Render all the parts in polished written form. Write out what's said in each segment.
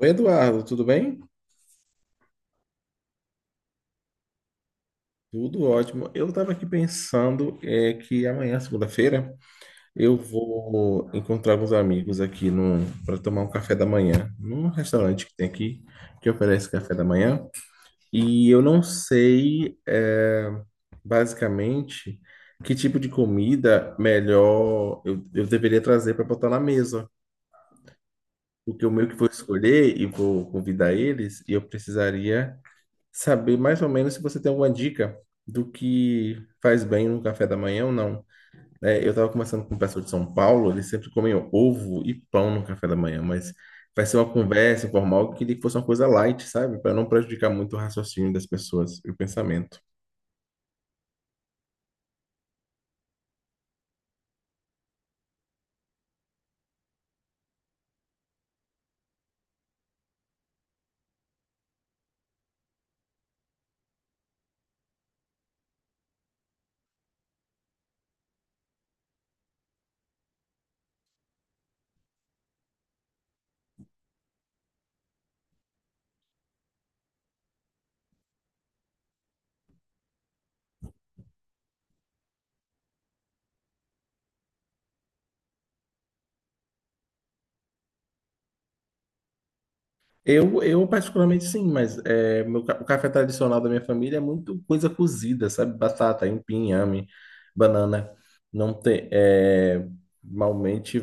Oi, Eduardo, tudo bem? Tudo ótimo. Eu estava aqui pensando que amanhã, segunda-feira, eu vou encontrar alguns amigos aqui para tomar um café da manhã, num restaurante que tem aqui, que oferece café da manhã. E eu não sei, basicamente, que tipo de comida melhor eu deveria trazer para botar na mesa. Porque o meu que vou escolher e vou convidar eles, e eu precisaria saber mais ou menos se você tem alguma dica do que faz bem no café da manhã ou não. Eu estava conversando com o pessoal de São Paulo, eles sempre comem ovo e pão no café da manhã, mas vai ser uma conversa informal que queria que fosse uma coisa light, sabe? Para não prejudicar muito o raciocínio das pessoas e o pensamento. Eu particularmente sim, mas o café tradicional da minha família é muito coisa cozida, sabe? Batata, aipim, inhame, banana. Não tem, normalmente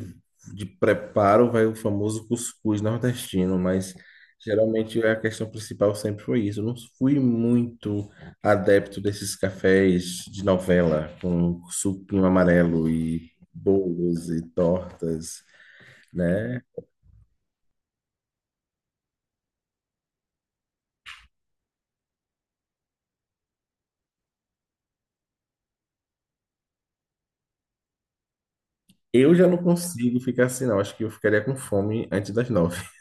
de preparo vai o famoso cuscuz nordestino, mas geralmente a questão principal sempre foi isso. Eu não fui muito adepto desses cafés de novela com suquinho amarelo e bolos e tortas, né? Eu já não consigo ficar assim, não. Acho que eu ficaria com fome antes das nove.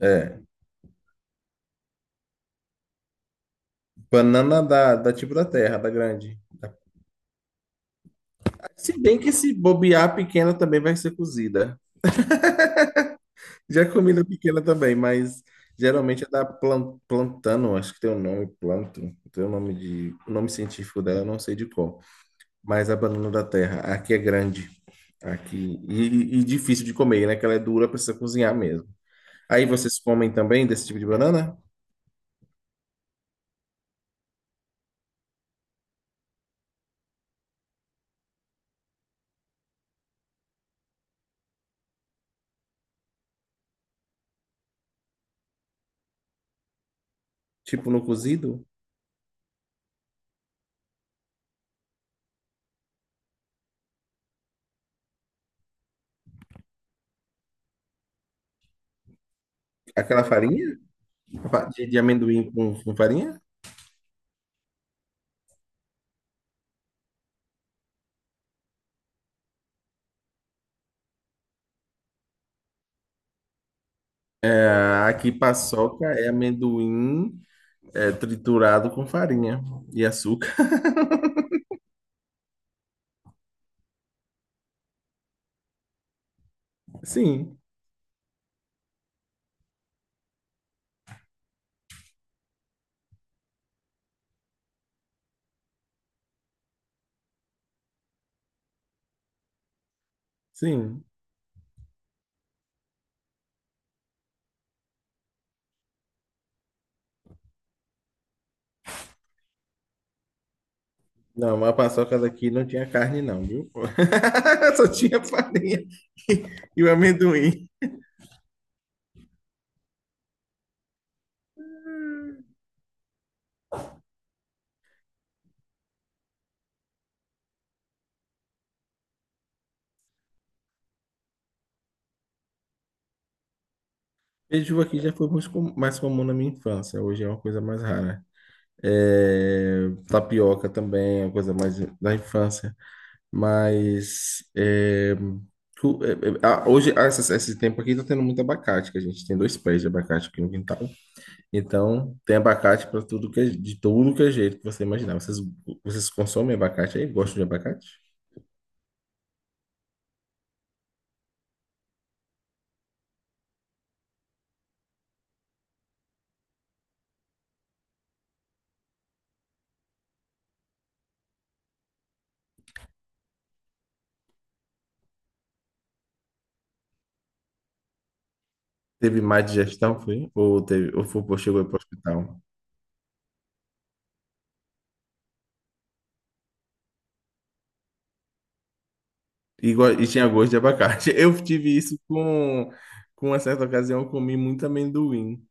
É. Banana da tipo da terra, da grande. Se bem que se bobear a pequena também vai ser cozida. Já comida pequena também, mas geralmente é da plantano, acho que tem o nome, planto. Tem o nome de, o nome científico dela, eu não sei de qual. Mas a banana da terra, aqui é grande. Aqui. E difícil de comer, né? Que ela é dura, precisa cozinhar mesmo. Aí vocês comem também desse tipo de banana? Tipo no cozido? Aquela farinha? De amendoim com farinha? Ah, aqui paçoca é amendoim, triturado com farinha e açúcar. Sim, sim. Não, mas a paçoca daqui não tinha carne não, viu? Só tinha farinha e e o amendoim. Beiju aqui já foi mais, mais comum na minha infância, hoje é uma coisa mais rara. É, tapioca também é uma coisa mais da infância. Mas tu- é, é, hoje, esse tempo aqui, tá tendo muito abacate, que a gente tem dois pés de abacate aqui no quintal. Então, tem abacate para tudo que é, de tudo que é jeito que você imaginar. Vocês consomem abacate aí? Gostam de abacate? Teve má digestão, foi? Ou, teve, ou foi, ou chegou para o hospital? E tinha gosto de abacate. Eu tive isso com uma certa ocasião, eu comi muito amendoim.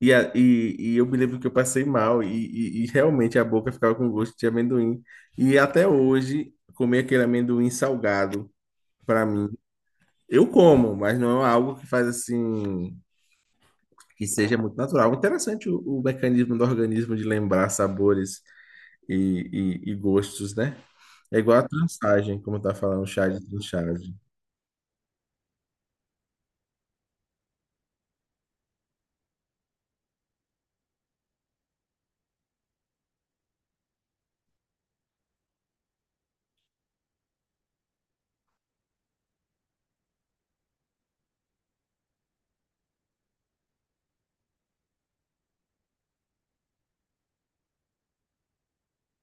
E eu me lembro que eu passei mal e realmente a boca ficava com gosto de amendoim. E até hoje, comer aquele amendoim salgado, para mim, eu como, mas não é algo que faz assim, que seja muito natural. Interessante o mecanismo do organismo de lembrar sabores e, e gostos, né? É igual a trançagem, como tá falando, o chá de trançagem.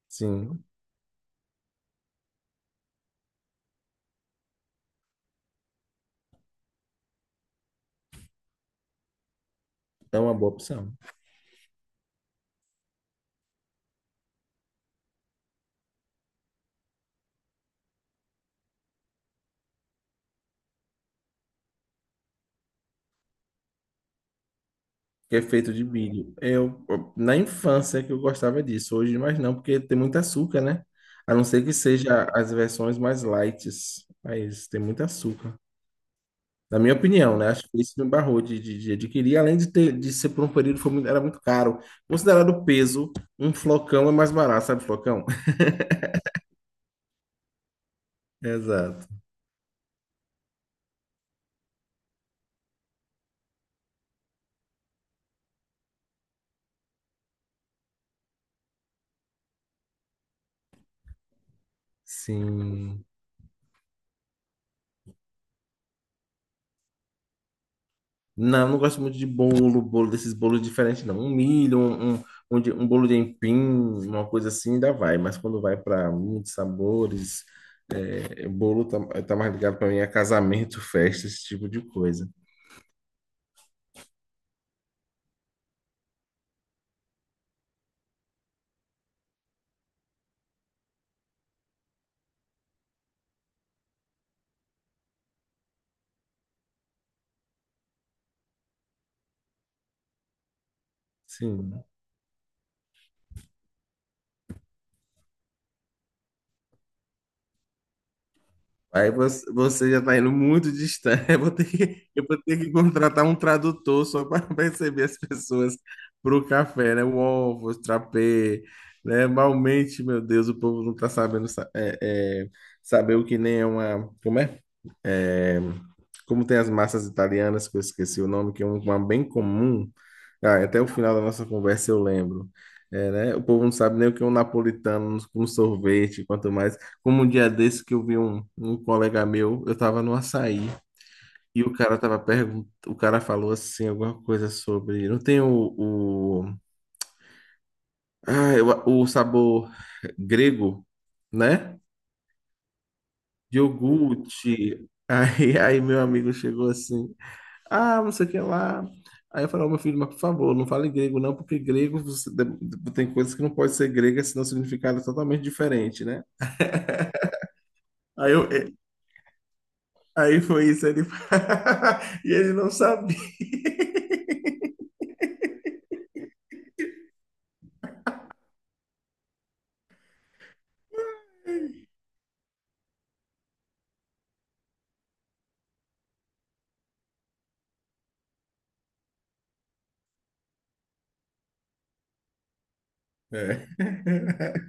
Sim, é uma boa opção. Que é feito de milho. Eu, na infância que eu gostava disso, hoje mais não, porque tem muito açúcar, né? A não ser que seja as versões mais light, mas tem muito açúcar. Na minha opinião, né? Acho que isso me barrou de adquirir, além de ter de ser por um período foi muito, era muito caro. Considerado o peso, um flocão é mais barato, sabe, flocão? Exato. Sim. Não, não gosto muito de bolo, bolo desses bolos diferentes, não. Um milho, um bolo de empim, uma coisa assim, ainda vai. Mas quando vai para muitos sabores, bolo tá mais ligado para mim a casamento, festa, esse tipo de coisa. Sim. Aí você já está indo muito distante. Eu vou ter que contratar um tradutor só para receber as pessoas para o café, né? O ovo, o trapé, né? Malmente, meu Deus, o povo não está sabendo é, saber o que nem é uma. Como é? É, como tem as massas italianas, que eu esqueci o nome, que é uma bem comum. Ah, até o final da nossa conversa eu lembro. É, né? O povo não sabe nem o que é um napolitano com sorvete, quanto mais. Como um dia desse que eu vi um colega meu, eu estava no açaí, e o cara tava perguntando, o cara falou assim, alguma coisa sobre. Não tem o, ah, o sabor grego, né? De iogurte. Aí meu amigo chegou assim. Ah, não sei o que lá. Aí eu falei, ó, meu filho, mas por favor, não fale grego não, porque grego tem coisas que não pode ser grega, senão o significado é totalmente diferente, né? Aí, eu, é, aí foi isso, ele... e ele não sabia. É.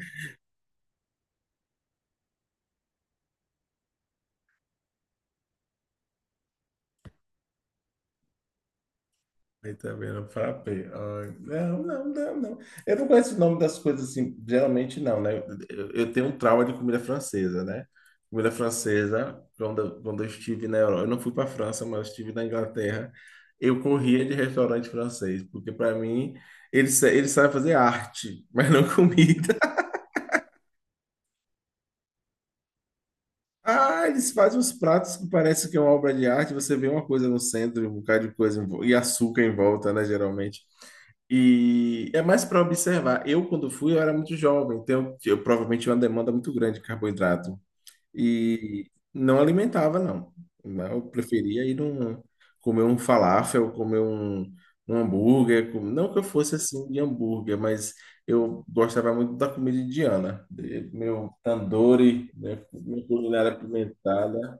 Aí também não frappei. Ai, não. Eu não conheço o nome das coisas assim, geralmente não, né? Eu tenho um trauma de comida francesa, né? Comida francesa, quando eu estive na Europa, eu não fui para a França, mas estive na Inglaterra, eu corria de restaurante francês, porque para mim eles, eles sabem fazer arte, mas não comida. Ah, eles fazem uns pratos que parece que é uma obra de arte. Você vê uma coisa no centro, um bocado de coisa e açúcar em volta, né? Geralmente. E é mais para observar. Eu, quando fui, eu era muito jovem, então eu provavelmente tinha uma demanda muito grande de carboidrato. E não alimentava, não. Eu preferia ir num, comer um falafel, comer um hambúrguer. Não que eu fosse assim de hambúrguer, mas eu gostava muito da comida indiana. Meu tandoori, né, minha culinária apimentada.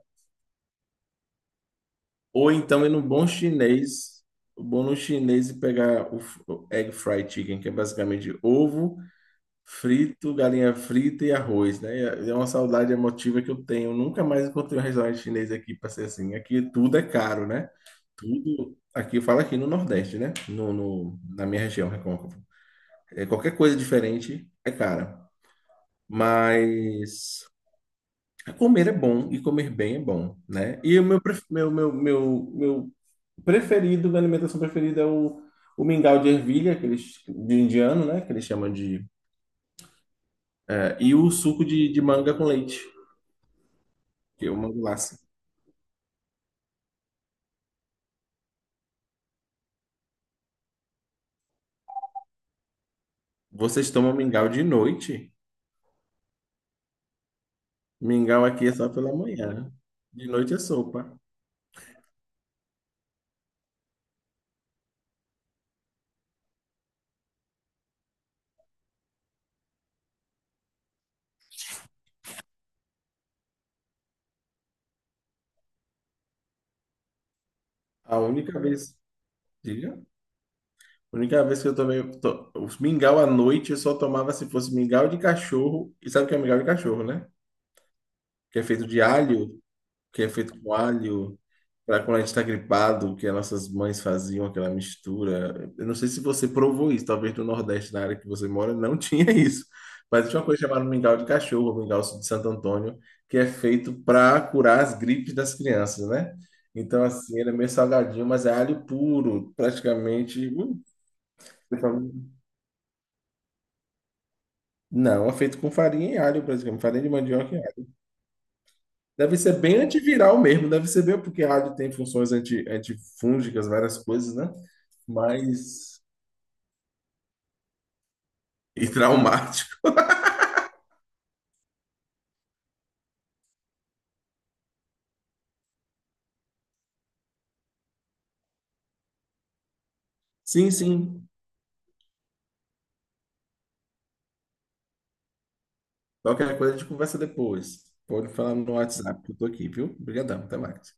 Ou então ir no bom chinês, o bom no chinês e pegar o egg fried chicken, que é basicamente ovo frito, galinha frita e arroz, né? É uma saudade emotiva que eu tenho. Nunca mais encontrei um restaurante chinês aqui para ser assim. Aqui tudo é caro, né? Tudo. Aqui eu falo aqui no Nordeste, né? Na minha região, Recôncavo. É, qualquer coisa diferente é cara. Mas comer é bom e comer bem é bom, né? E o meu, meu preferido, minha alimentação preferida é o mingau de ervilha, que eles, de indiano, né? Que eles chamam de. E o suco de manga com leite. Eu mando lá assim. Vocês tomam mingau de noite? Mingau aqui é só pela manhã. De noite é sopa. A única vez, diga, a única vez que eu tomei os mingau à noite, eu só tomava se fosse mingau de cachorro. E sabe o que é mingau de cachorro, né? Que é feito de alho, que é feito com alho, para quando a gente está gripado, que as nossas mães faziam aquela mistura. Eu não sei se você provou isso, talvez no Nordeste, na área que você mora, não tinha isso. Mas tinha uma coisa chamada mingau de cachorro, ou mingau de Santo Antônio, que é feito para curar as gripes das crianças, né? Então, assim, ele é meio salgadinho, mas é alho puro, praticamente. Não, é feito com farinha e alho, praticamente, farinha de mandioca. Deve ser bem antiviral mesmo, deve ser bem porque rádio tem funções antifúngicas, várias coisas, né? Mas. E traumático. Sim, sim. Qualquer coisa a gente conversa depois. Pode falar no WhatsApp, que eu tô aqui, viu? Obrigadão, até mais.